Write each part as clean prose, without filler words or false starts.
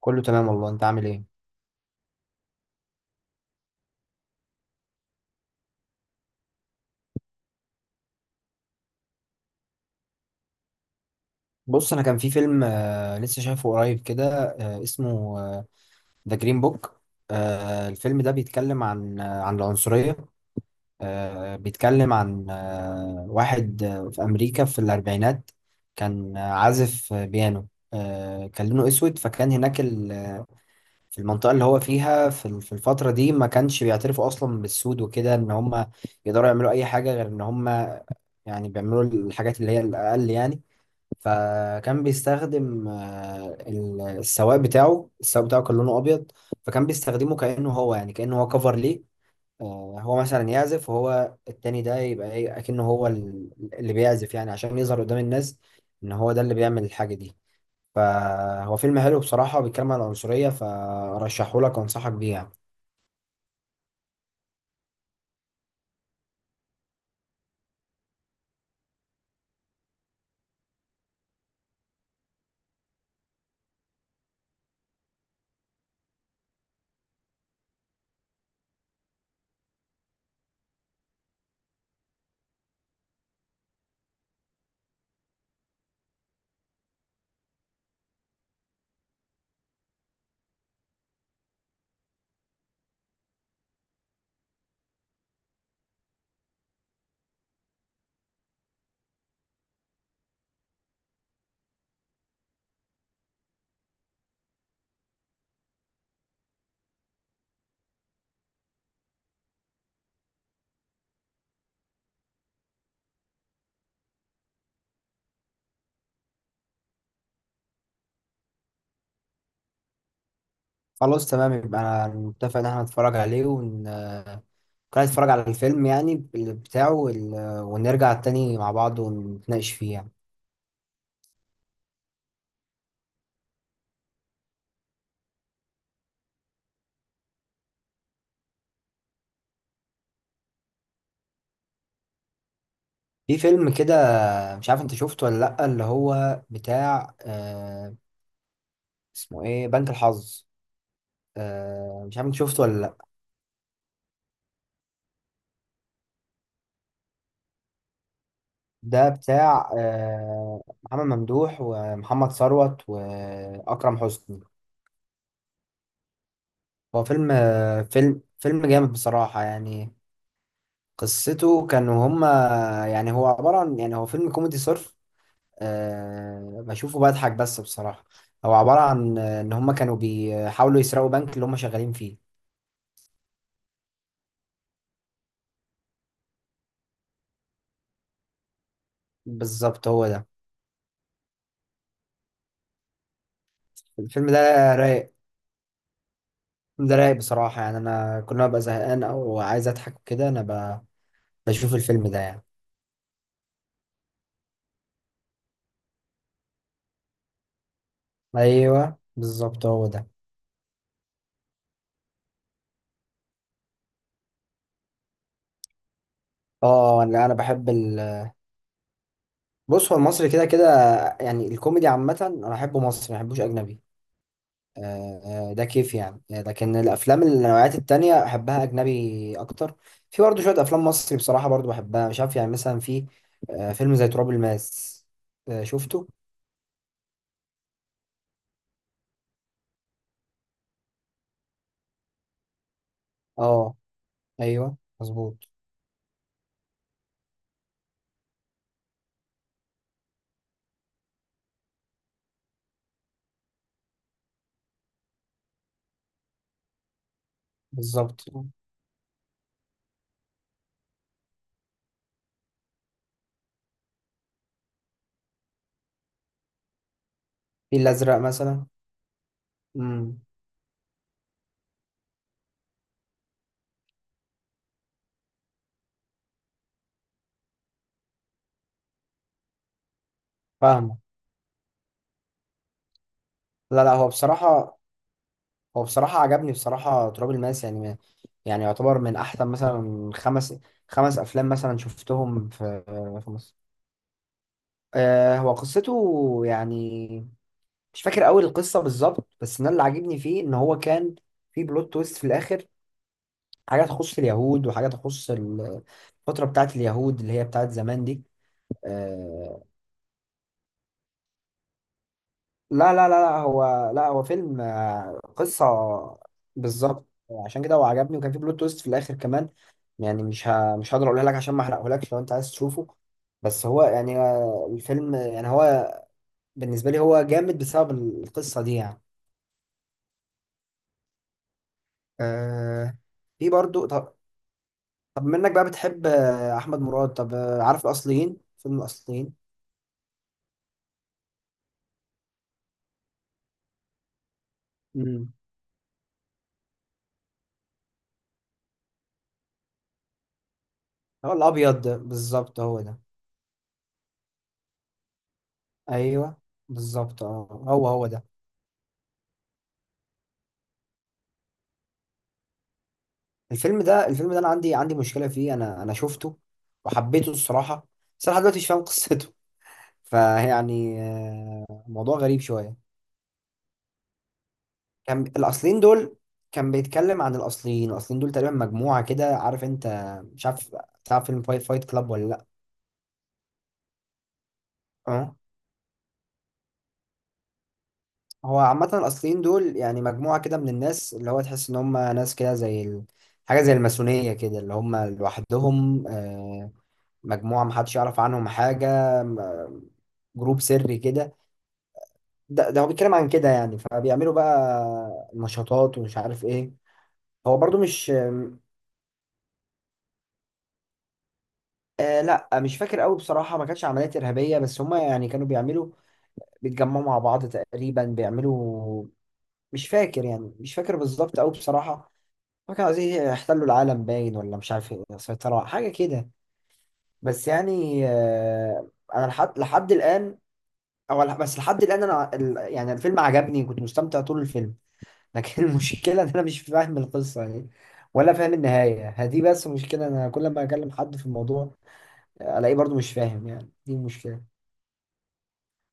كله تمام والله، انت عامل ايه؟ بص، انا كان في فيلم لسه شايفه قريب كده. اسمه ذا جرين بوك. The Green Book. الفيلم ده بيتكلم عن العنصرية. بيتكلم عن واحد في امريكا في الاربعينات. كان عازف بيانو. كان لونه اسود، فكان هناك في المنطقة اللي هو فيها، في الفترة دي ما كانش بيعترفوا اصلا بالسود وكده، ان هم يقدروا يعملوا اي حاجة غير ان هم يعني بيعملوا الحاجات اللي هي الاقل يعني. فكان بيستخدم السواق بتاعه كان لونه ابيض، فكان بيستخدمه كانه هو، يعني كانه هو كفر ليه. هو مثلا يعزف، وهو التاني ده يبقى ايه اكنه هو اللي بيعزف، يعني عشان يظهر قدام الناس ان هو ده اللي بيعمل الحاجه دي. فهو فيلم حلو بصراحه، بيتكلم عن العنصريه، فرشحه لك وانصحك بيه يعني. خلاص تمام. يبقى انا متفق ان احنا نتفرج عليه، كنا نتفرج على الفيلم يعني بتاعه، ونرجع تاني مع بعض ونتناقش فيه يعني. في فيلم كده، مش عارف انت شفته ولا لأ، اللي هو بتاع اسمه ايه، بنك الحظ. مش عارف انت شفته ولا لأ. ده بتاع محمد ممدوح ومحمد ثروت وأكرم حسني. هو فيلم آه فيلم فيلم جامد بصراحة يعني. قصته كانوا هما، يعني هو عبارة عن، يعني هو فيلم كوميدي صرف. بشوفه بضحك بس بصراحة. هو عبارة عن إن هما كانوا بيحاولوا يسرقوا بنك اللي هما شغالين فيه. بالظبط هو ده. الفيلم ده رايق. الفيلم ده رايق بصراحة يعني. أنا كل ما ببقى زهقان أو عايز أضحك وكده، أنا بشوف الفيلم ده يعني. أيوه، بالظبط هو ده. اه، لا، أنا بحب. بص، هو المصري كده كده. يعني الكوميدي عامة أنا أحبه مصري، ما أحبوش أجنبي. ده كيف يعني. لكن الافلام النوعيات التانية احبها اجنبي اكتر. في برضه شويه افلام مصري بصراحه برضه بحبها، مش عارف. يعني مثلا في فيلم زي تراب الماس. شفته؟ اه، ايوه، مظبوط. بالظبط. في الازرق مثلا. امم. فاهمه. لا، لا، هو بصراحه عجبني بصراحه تراب الماس يعني، يعني يعتبر من احسن مثلا خمس افلام مثلا شفتهم في مصر. هو قصته يعني، مش فاكر قوي القصه بالظبط، بس انا اللي عاجبني فيه ان هو كان في بلوت تويست في الاخر. حاجه تخص اليهود، وحاجه تخص الفتره بتاعت اليهود اللي هي بتاعت زمان دي. آه. لا، لا، لا، لا، هو لا هو فيلم قصه. بالظبط. عشان كده هو عجبني، وكان في بلوت تويست في الاخر كمان. يعني مش هقدر اقولها لك، عشان ما احرقهولكش لو انت عايز تشوفه. بس هو يعني الفيلم يعني هو، بالنسبه لي هو جامد بسبب القصه دي يعني. آه في برضو طب منك بقى بتحب احمد مراد، طب عارف الاصليين، فيلم الاصليين؟ امم. هو الابيض ده، بالظبط هو ده. ايوه، بالظبط. اه، هو ده. الفيلم ده انا عندي مشكله فيه. انا شفته وحبيته الصراحه. بس انا لحد دلوقتي مش فاهم قصته. فيعني موضوع غريب شويه. كان الاصليين دول كان بيتكلم عن الاصليين دول تقريبا مجموعه كده عارف انت. مش عارف. تعرف فيلم فايت كلاب ولا لا؟ أه؟ هو عامة الأصليين دول، يعني مجموعة كده من الناس، اللي هو تحس إن هم ناس كده زي حاجة زي الماسونية كده، اللي هم لوحدهم، مجموعة محدش يعرف عنهم حاجة، م- جروب سري كده. ده هو بيتكلم عن كده يعني، فبيعملوا بقى نشاطات ومش عارف إيه. هو برضو مش. آه، لا، مش فاكر قوي بصراحة. ما كانتش عمليات إرهابية، بس هم يعني كانوا بيعملوا، بيتجمعوا مع بعض تقريبا، بيعملوا. مش فاكر بالظبط قوي بصراحة. ما كانوا عايزين يحتلوا العالم باين، ولا مش عارف إيه، سيطرة حاجة كده. بس يعني أنا لحد الآن، بس لحد الآن، أنا يعني الفيلم عجبني، كنت مستمتع طول الفيلم، لكن المشكلة إن أنا مش فاهم القصة يعني، ولا فاهم النهاية. هدي بس مشكلة. أنا كل ما أكلم حد في الموضوع، ألاقيه برضو مش فاهم يعني، دي المشكلة.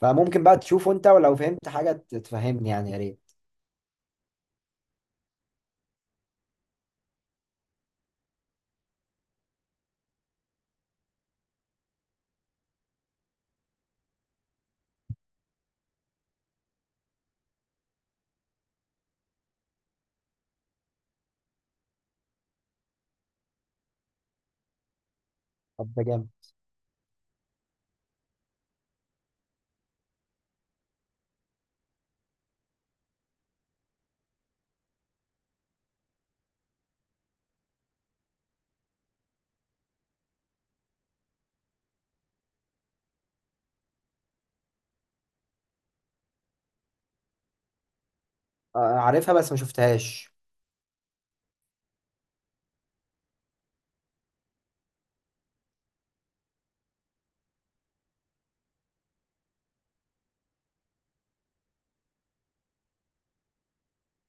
فممكن بقى تشوفه أنت، ولو فهمت حاجة تفهمني يعني، يا ريت. طب ده جامد. عارفها بس ما شفتهاش.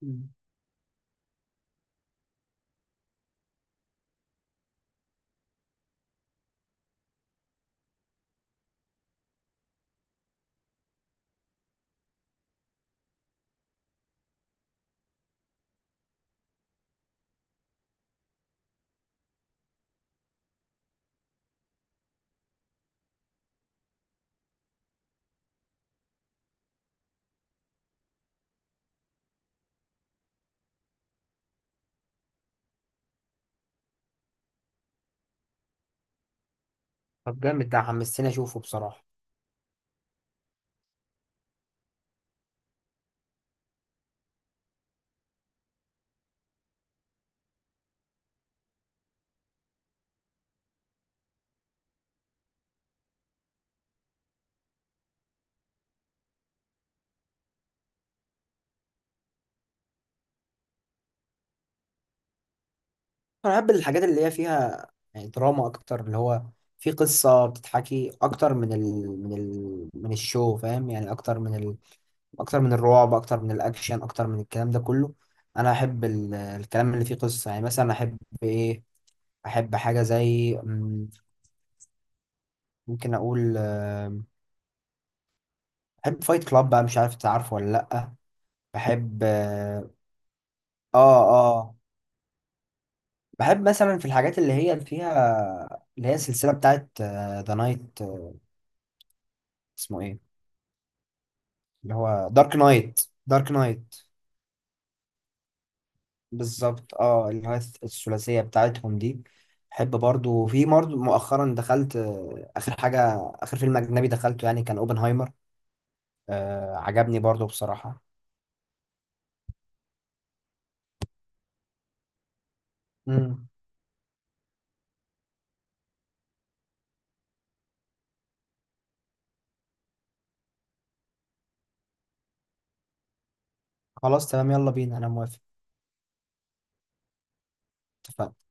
مم. طب جامد، ده حمستني أشوفه بصراحة. انا بحب الحاجات اللي هي فيها، يعني دراما اكتر، اللي هو في قصه بتتحكي اكتر من الشو، فاهم يعني، اكتر من ال اكتر من الرعب، اكتر من الاكشن، اكتر من الكلام ده كله. انا احب الكلام اللي فيه قصه يعني. مثلا احب حاجه زي ممكن اقول بحب فايت كلاب بقى، مش عارف انت عارفه ولا لا؟ بحب اه. اه بحب مثلا في الحاجات اللي هي السلسله بتاعت ذا نايت، اسمه ايه، اللي هو دارك نايت. دارك نايت. بالظبط. اه، اللي هو الثلاثية بتاعتهم دي. بحب برضو. في برضو مؤخرا، دخلت آخر حاجة. آخر فيلم أجنبي دخلته يعني كان أوبنهايمر. عجبني برضو بصراحة. مم. خلاص تمام، يلا بينا، أنا موافق. اتفقنا.